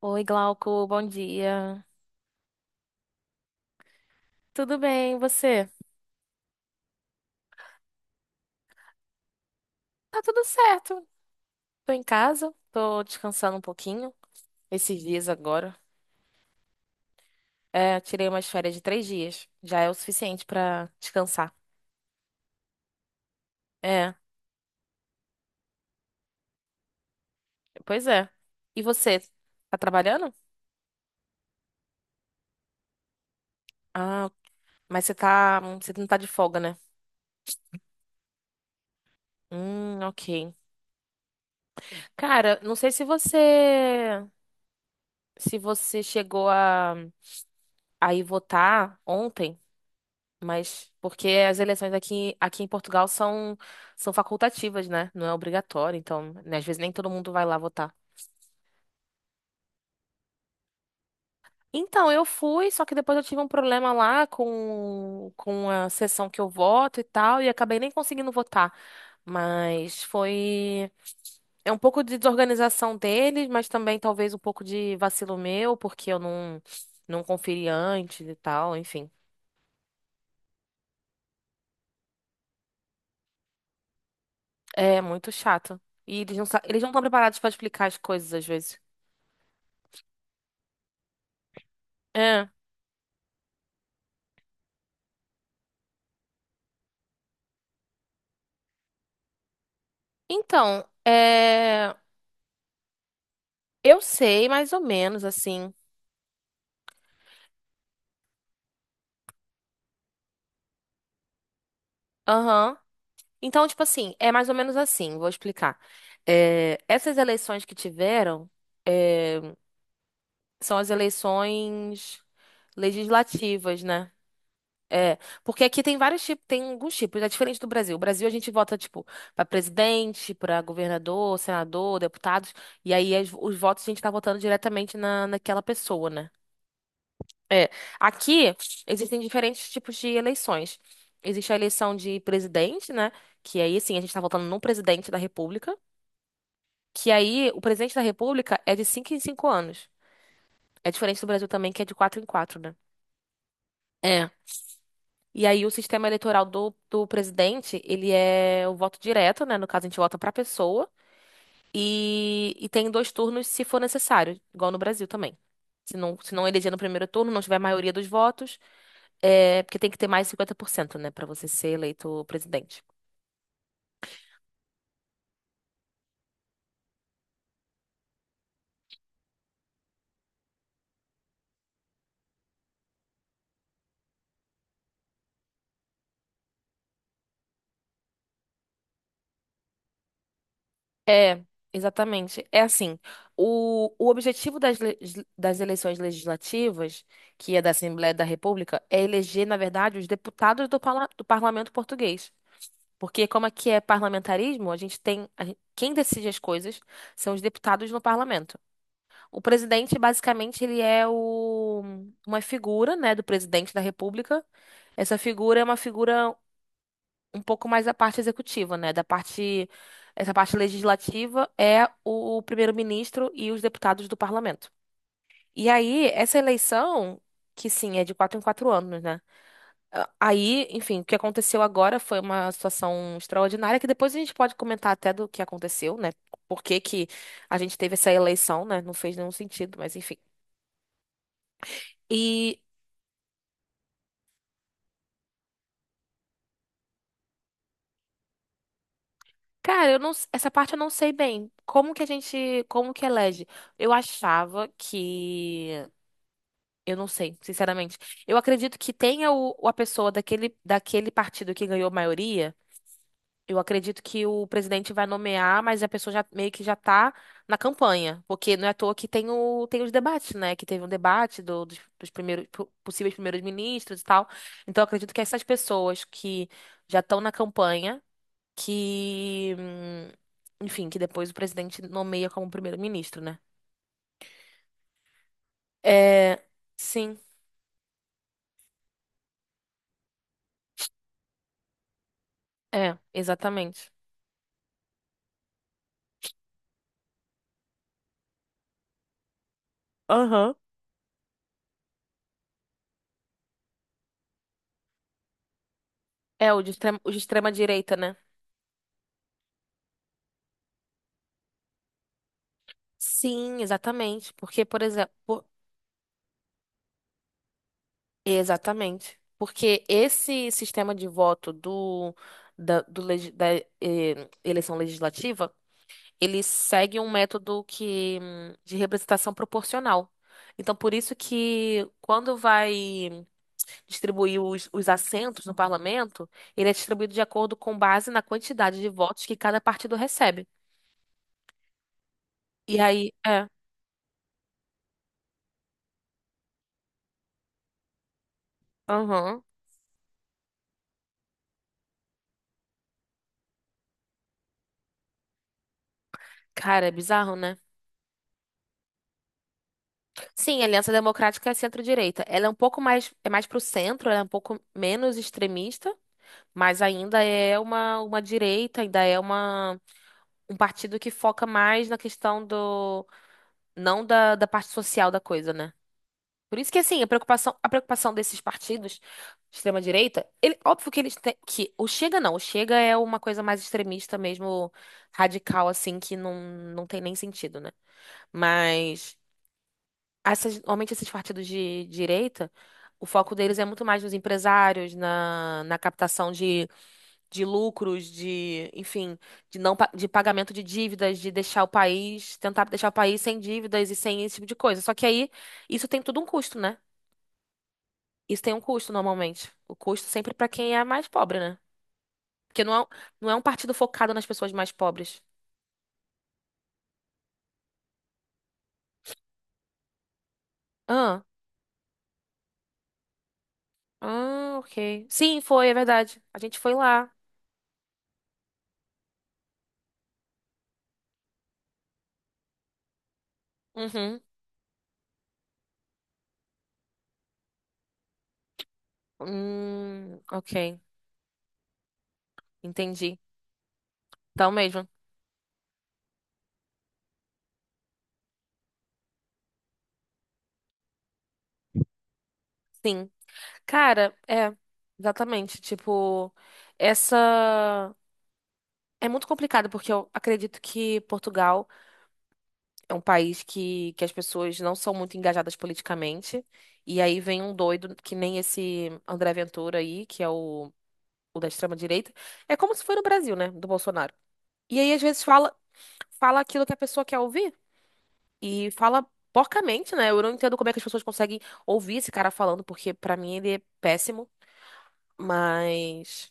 Oi, Glauco, bom dia. Tudo bem, e você? Tá tudo certo. Tô em casa, tô descansando um pouquinho esses dias agora. É, tirei umas férias de 3 dias. Já é o suficiente pra descansar. É, pois é. E você? Tá trabalhando? Ah, mas você não tá de folga, né? Ok. Cara, não sei se você chegou a ir votar ontem. Mas porque as eleições aqui em Portugal são facultativas, né? Não é obrigatório, então, né, às vezes nem todo mundo vai lá votar. Então, eu fui, só que depois eu tive um problema lá com a sessão que eu voto e tal, e acabei nem conseguindo votar. Mas foi. É um pouco de desorganização deles, mas também talvez um pouco de vacilo meu, porque eu não conferi antes e tal, enfim. É muito chato. E eles não estão preparados para explicar as coisas às vezes. É. Então, é, eu sei mais ou menos assim. Aham. Então, tipo assim, é mais ou menos assim, vou explicar. É, essas eleições que tiveram é, são as eleições legislativas, né? É, porque aqui tem vários tipos, tem alguns tipos, é diferente do Brasil. O Brasil a gente vota, tipo, para presidente, para governador, senador, deputados, e aí os votos a gente tá votando diretamente naquela pessoa, né? É, aqui existem diferentes tipos de eleições. Existe a eleição de presidente, né? Que aí, assim, a gente tá votando num presidente da República. Que aí, o presidente da República é de 5 em 5 anos. É diferente do Brasil também, que é de 4 em 4, né? É. E aí, o sistema eleitoral do presidente, ele é o voto direto, né? No caso, a gente vota pra pessoa. E tem dois turnos se for necessário, igual no Brasil também. Se não eleger no primeiro turno, não tiver maioria dos votos. É, porque tem que ter mais 50%, né, pra você ser eleito presidente. É, exatamente. É assim, o objetivo das eleições legislativas, que é da Assembleia da República, é eleger, na verdade, os deputados do parlamento português. Porque como é que é parlamentarismo, a gente tem, a gen- quem decide as coisas são os deputados no parlamento. O presidente, basicamente, ele é uma figura, né, do presidente da República. Essa figura é uma figura um pouco mais da parte executiva, né? Essa parte legislativa é o primeiro-ministro e os deputados do parlamento. E aí, essa eleição, que sim, é de 4 em 4 anos, né? Ah, aí, enfim, o que aconteceu agora foi uma situação extraordinária, que depois a gente pode comentar até do que aconteceu, né? Por que que a gente teve essa eleição, né? Não fez nenhum sentido, mas enfim. E, cara, eu não, s- essa parte eu não sei bem. Como que como que elege? Eu achava que Eu não sei, sinceramente. Eu acredito que tenha a pessoa daquele partido que ganhou maioria. Eu acredito que o presidente vai nomear, mas a pessoa já meio que já tá na campanha. Porque não é à toa que tem os debates, né? Que teve um debate dos possíveis primeiros ministros e tal. Então, eu acredito que essas pessoas que já estão na campanha, que, enfim, que depois o presidente nomeia como primeiro-ministro, né? É, sim, é, exatamente. Aham. É, o de extrema direita, né? Sim, exatamente. Porque, por exemplo, exatamente. Porque esse sistema de voto do, da, do legi- da, eh, eleição legislativa, ele segue um método que de representação proporcional. Então, por isso que quando vai distribuir os assentos no parlamento, ele é distribuído de acordo com base na quantidade de votos que cada partido recebe. E aí, é, aham. Cara, é bizarro, né? Sim, a Aliança Democrática é centro-direita. Ela é um pouco mais, é mais pro centro, ela é um pouco menos extremista, mas ainda é uma direita, ainda é um partido que foca mais na questão não da parte social da coisa, né? Por isso que, assim, a preocupação desses partidos de extrema-direita, ele, óbvio que eles têm, que o Chega não, o Chega é uma coisa mais extremista mesmo, radical, assim, que não tem nem sentido, né? Mas normalmente esses partidos de direita, o foco deles é muito mais nos empresários, na captação de lucros, enfim, de não, de pagamento de dívidas, de deixar o país, tentar deixar o país sem dívidas e sem esse tipo de coisa. Só que aí, isso tem tudo um custo, né? Isso tem um custo normalmente. O custo sempre para quem é mais pobre, né? Porque não é um partido focado nas pessoas mais pobres. Ah, ah, ok. Sim, foi, é verdade. A gente foi lá. Uhum. Ok. Entendi. Então mesmo. Sim. Cara, é, exatamente. Tipo, essa. É muito complicado, porque eu acredito que Portugal é um país que as pessoas não são muito engajadas politicamente. E aí vem um doido, que nem esse André Ventura aí, que é o da extrema-direita. É como se foi no Brasil, né? Do Bolsonaro. E aí, às vezes, fala aquilo que a pessoa quer ouvir. E fala porcamente, né? Eu não entendo como é que as pessoas conseguem ouvir esse cara falando, porque pra mim ele é péssimo. Mas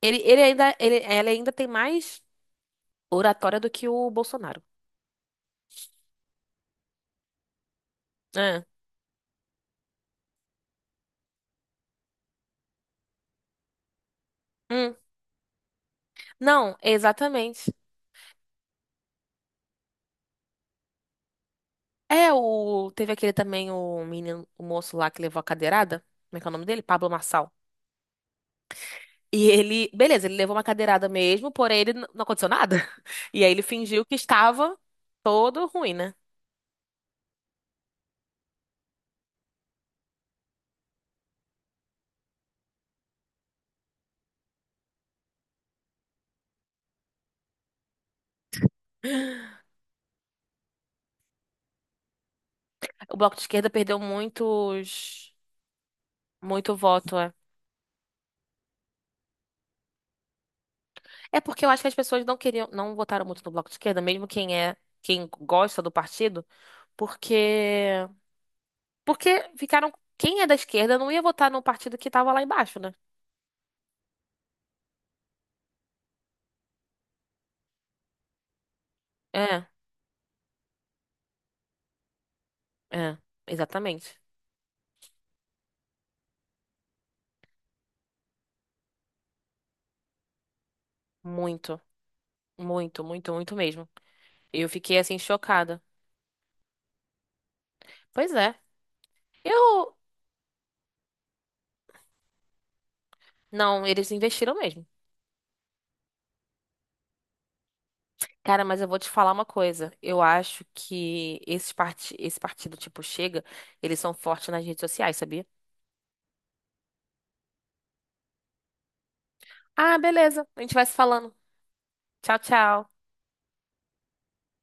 ela ainda tem mais oratória do que o Bolsonaro. É. Hum. Não, exatamente. É. o. Teve aquele também, o menino, o moço lá que levou a cadeirada. Como é que é o nome dele? Pablo Marçal. E ele, beleza, ele levou uma cadeirada mesmo, porém ele não aconteceu nada. E aí ele fingiu que estava todo ruim, né? O Bloco de Esquerda perdeu muito voto, é. É porque eu acho que as pessoas não queriam, não votaram muito no Bloco de Esquerda, mesmo quem gosta do partido, porque porque ficaram, quem é da esquerda não ia votar no partido que tava lá embaixo, né? É, é, exatamente. Muito, muito, muito, muito mesmo. Eu fiquei assim chocada. Pois é. Eu não, eles investiram mesmo. Cara, mas eu vou te falar uma coisa. Eu acho que esse partido tipo Chega, eles são fortes nas redes sociais, sabia? Ah, beleza. A gente vai se falando. Tchau, tchau.